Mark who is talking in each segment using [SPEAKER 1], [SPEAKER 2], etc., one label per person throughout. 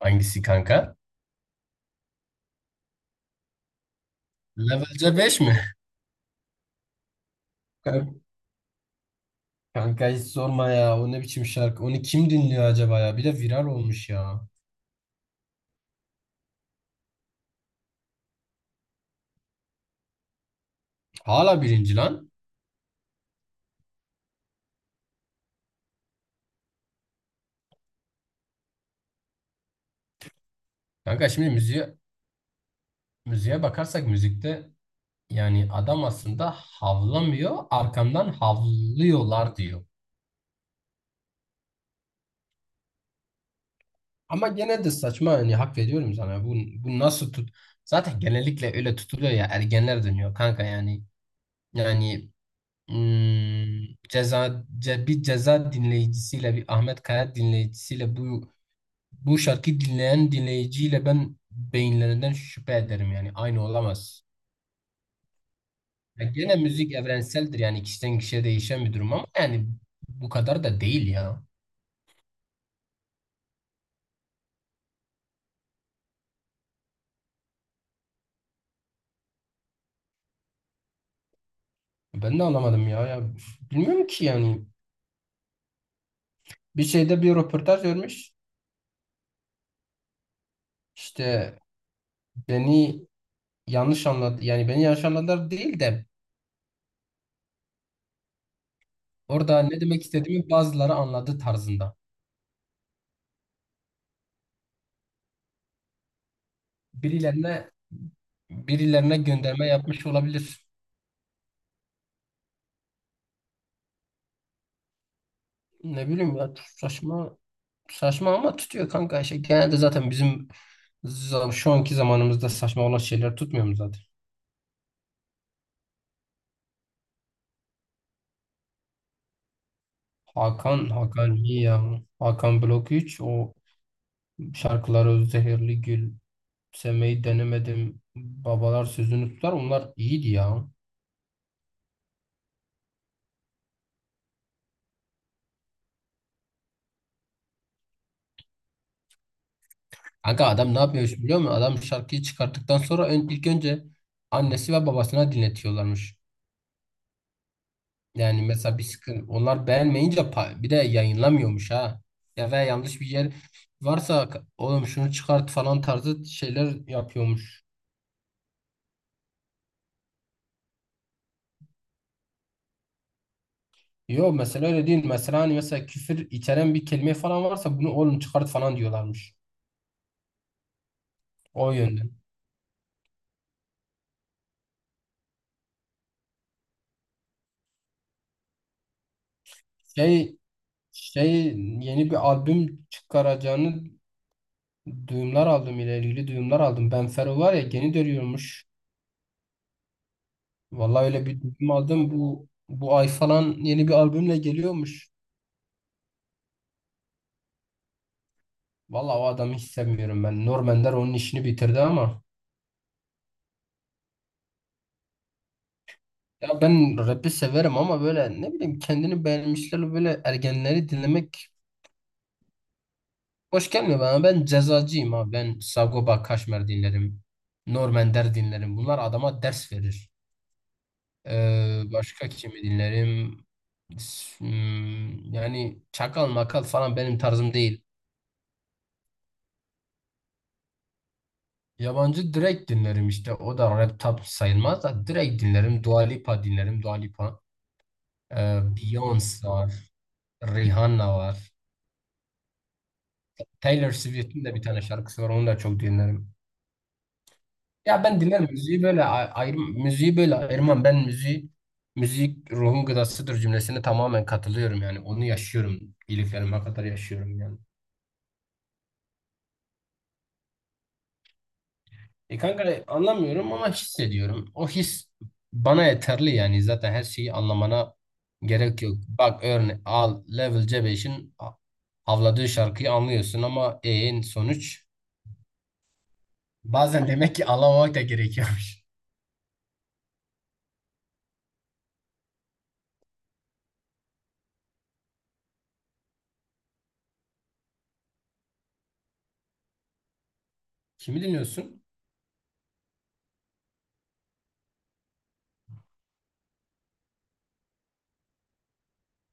[SPEAKER 1] Hangisi kanka? Levelce 5 mi? Kanka, kanka, hiç sorma ya. O ne biçim şarkı? Onu kim dinliyor acaba ya? Bir de viral olmuş ya. Hala birinci lan. Kanka şimdi müziğe bakarsak müzikte yani adam aslında havlamıyor, arkamdan havlıyorlar diyor. Ama gene de saçma yani hak veriyorum sana. Bu nasıl tut? Zaten genellikle öyle tutuluyor ya ergenler dönüyor kanka yani. Yani Hmm, bir ceza dinleyicisiyle bir Ahmet Kaya dinleyicisiyle bu şarkı dinleyen dinleyiciyle ben beyinlerinden şüphe ederim yani aynı olamaz. Ya gene müzik evrenseldir yani kişiden kişiye değişen bir durum ama yani bu kadar da değil ya. Ben de anlamadım ya, bilmiyorum ki yani bir şeyde bir röportaj vermiş işte beni yanlış anladı yani beni yanlış anladılar değil de orada ne demek istediğimi bazıları anladı tarzında birilerine birilerine gönderme yapmış olabilir. Ne bileyim ya saçma saçma ama tutuyor kanka. Şey, genelde zaten bizim şu anki zamanımızda saçma olan şeyler tutmuyor mu zaten? Hakan iyi ya. Hakan Blok 3 o şarkıları Zehirli Gül, Sevmeyi Denemedim, Babalar Sözünü Tutar onlar iyiydi ya. Kanka adam ne yapıyormuş biliyor musun? Adam şarkıyı çıkarttıktan sonra ilk önce annesi ve babasına dinletiyorlarmış. Yani mesela bir sıkıntı onlar beğenmeyince bir de yayınlamıyormuş ha. Ya ve yanlış bir yer varsa oğlum şunu çıkart falan tarzı şeyler yapıyormuş. Yo mesela öyle değil. Mesela hani mesela küfür içeren bir kelime falan varsa bunu oğlum çıkart falan diyorlarmış. O yönden. Şey şey, yeni bir albüm çıkaracağını duyumlar aldım ile ilgili duyumlar aldım. Ben Fero var ya yeni dönüyormuş. Vallahi öyle bir duyum aldım. Bu ay falan yeni bir albümle geliyormuş. Vallahi o adamı hiç sevmiyorum ben. Norman onun işini bitirdi ama. Ya ben rap'i severim ama böyle ne bileyim kendini beğenmişler böyle ergenleri dinlemek hoş gelmiyor bana. Ben cezacıyım abi. Ben Sagopa Kajmer dinlerim. Norman Der dinlerim. Bunlar adama ders verir. Başka kimi dinlerim? Yani çakal makal falan benim tarzım değil. Yabancı direkt dinlerim işte. O da rap tap sayılmaz da direkt dinlerim. Dua Lipa dinlerim. Dua Lipa. Beyoncé var. Rihanna var. Taylor Swift'in de bir tane şarkısı var. Onu da çok dinlerim. Ya ben dinlerim. Müziği böyle ayrım, müziği böyle ayırmam. Ben müziği müzik ruhun gıdasıdır cümlesine tamamen katılıyorum yani. Onu yaşıyorum. İyiliklerime kadar yaşıyorum yani. E kanka anlamıyorum ama hissediyorum. O his bana yeterli yani. Zaten her şeyi anlamana gerek yok. Bak örne al Level C5'in avladığı şarkıyı anlıyorsun ama en sonuç. Bazen demek ki anlamamak da gerekiyormuş. Kimi dinliyorsun?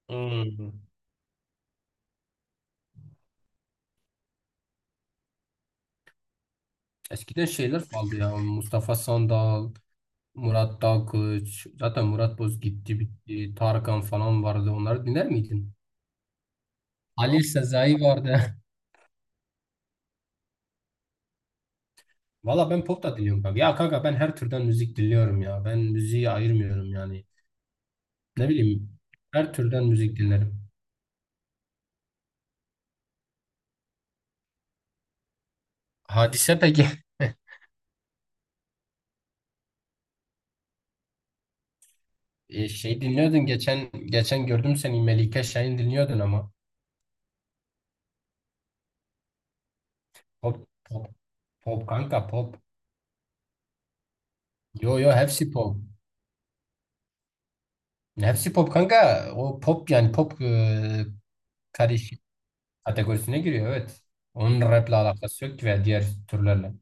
[SPEAKER 1] Hmm. Eskiden şeyler kaldı ya. Mustafa Sandal, Murat Dalkılıç. Zaten Murat Boz gitti bitti. Tarkan falan vardı. Onları dinler miydin? Halil Sezai vardı. Valla ben pop da dinliyorum kanka. Ya kanka ben her türden müzik dinliyorum ya. Ben müziği ayırmıyorum yani. Ne bileyim her türden müzik dinlerim. Hadise peki. Şey dinliyordun geçen gördüm seni Melike Şahin dinliyordun ama. Pop, pop, pop kanka pop. Yo, yo, hepsi pop. Hepsi pop kanka. O pop yani pop, karışık kategorisine giriyor evet. Onun rap'le alakası yok ki veya diğer türlerle.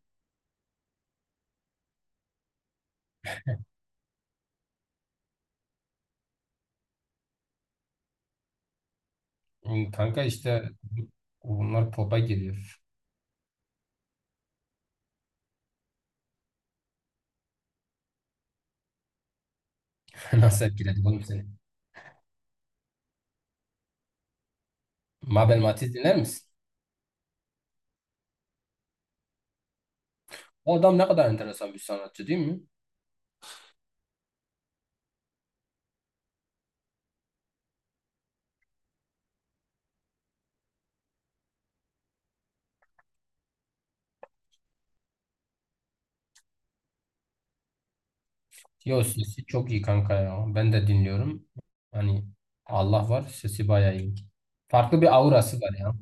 [SPEAKER 1] Kanka işte bunlar pop'a giriyor. Nasıl etkiledi oğlum seni? Mabel Matiz dinler misin? O adam ne kadar enteresan bir sanatçı değil mi? Yo sesi çok iyi kanka ya. Ben de dinliyorum. Hani Allah var sesi bayağı iyi. Farklı bir aurası var ya.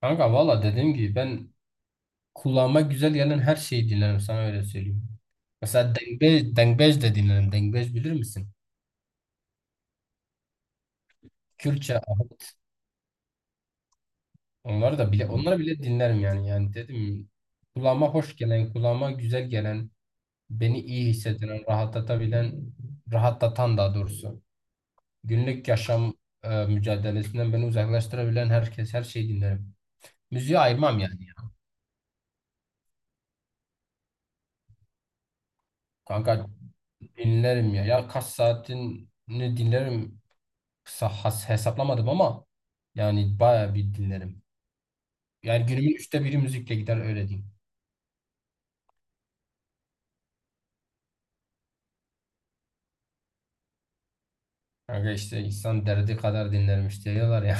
[SPEAKER 1] Kanka valla dediğim gibi ben kulağıma güzel gelen her şeyi dinlerim sana öyle söyleyeyim. Mesela dengbej de dinlerim. Dengbej bilir misin? Kürtçe, ahut. Onları bile dinlerim yani. Yani dedim kulağıma hoş gelen, kulağıma güzel gelen, beni iyi hissettiren, rahatlatabilen, rahatlatan daha doğrusu. Günlük yaşam mücadelesinden beni uzaklaştırabilen herkes her şeyi dinlerim. Müziği ayırmam yani ya. Kanka dinlerim ya. Ya kaç saatini dinlerim. Kısa has hesaplamadım ama yani bayağı bir dinlerim. Yani günümün üçte biri müzikle gider öyle diyeyim. Kanka işte insan derdi kadar dinlermiş diyorlar ya.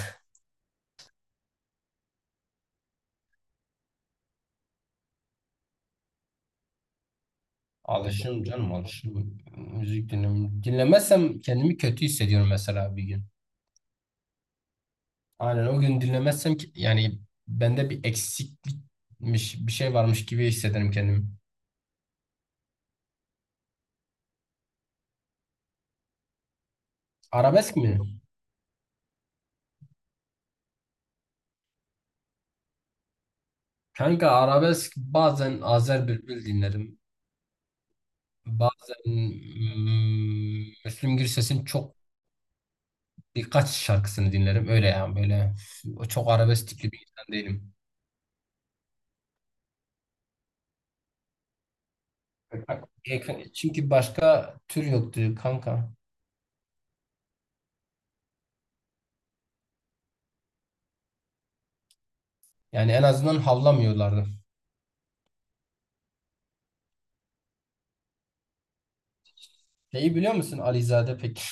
[SPEAKER 1] Alışım canım alışım. Müzik dinlemem. Dinlemezsem kendimi kötü hissediyorum mesela bir gün. Aynen o gün dinlemezsem yani bende bir eksiklikmiş bir şey varmış gibi hissederim kendimi. Arabesk mi? Kanka arabesk bazen Azer Bülbül dinlerim. Bazen Müslüm Gürses'in çok birkaç şarkısını dinlerim. Öyle yani böyle çok arabesk bir insan değilim. Çünkü başka tür yoktu kanka. Yani en azından havlamıyorlardı. Şeyi biliyor musun Alizade peki?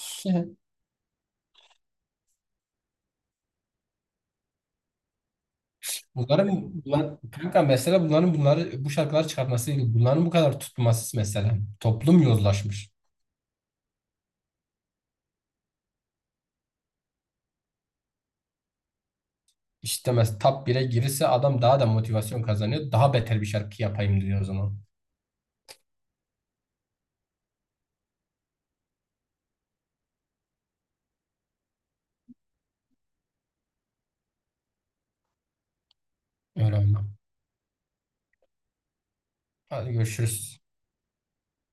[SPEAKER 1] Kanka mesela bunların bu şarkıları çıkartması. Bunların bu kadar tutması mesela. Toplum yozlaşmış. İşte mesela top 1'e girirse adam daha da motivasyon kazanıyor. Daha beter bir şarkı yapayım diyor o zaman. Öyle oldu. Hadi görüşürüz.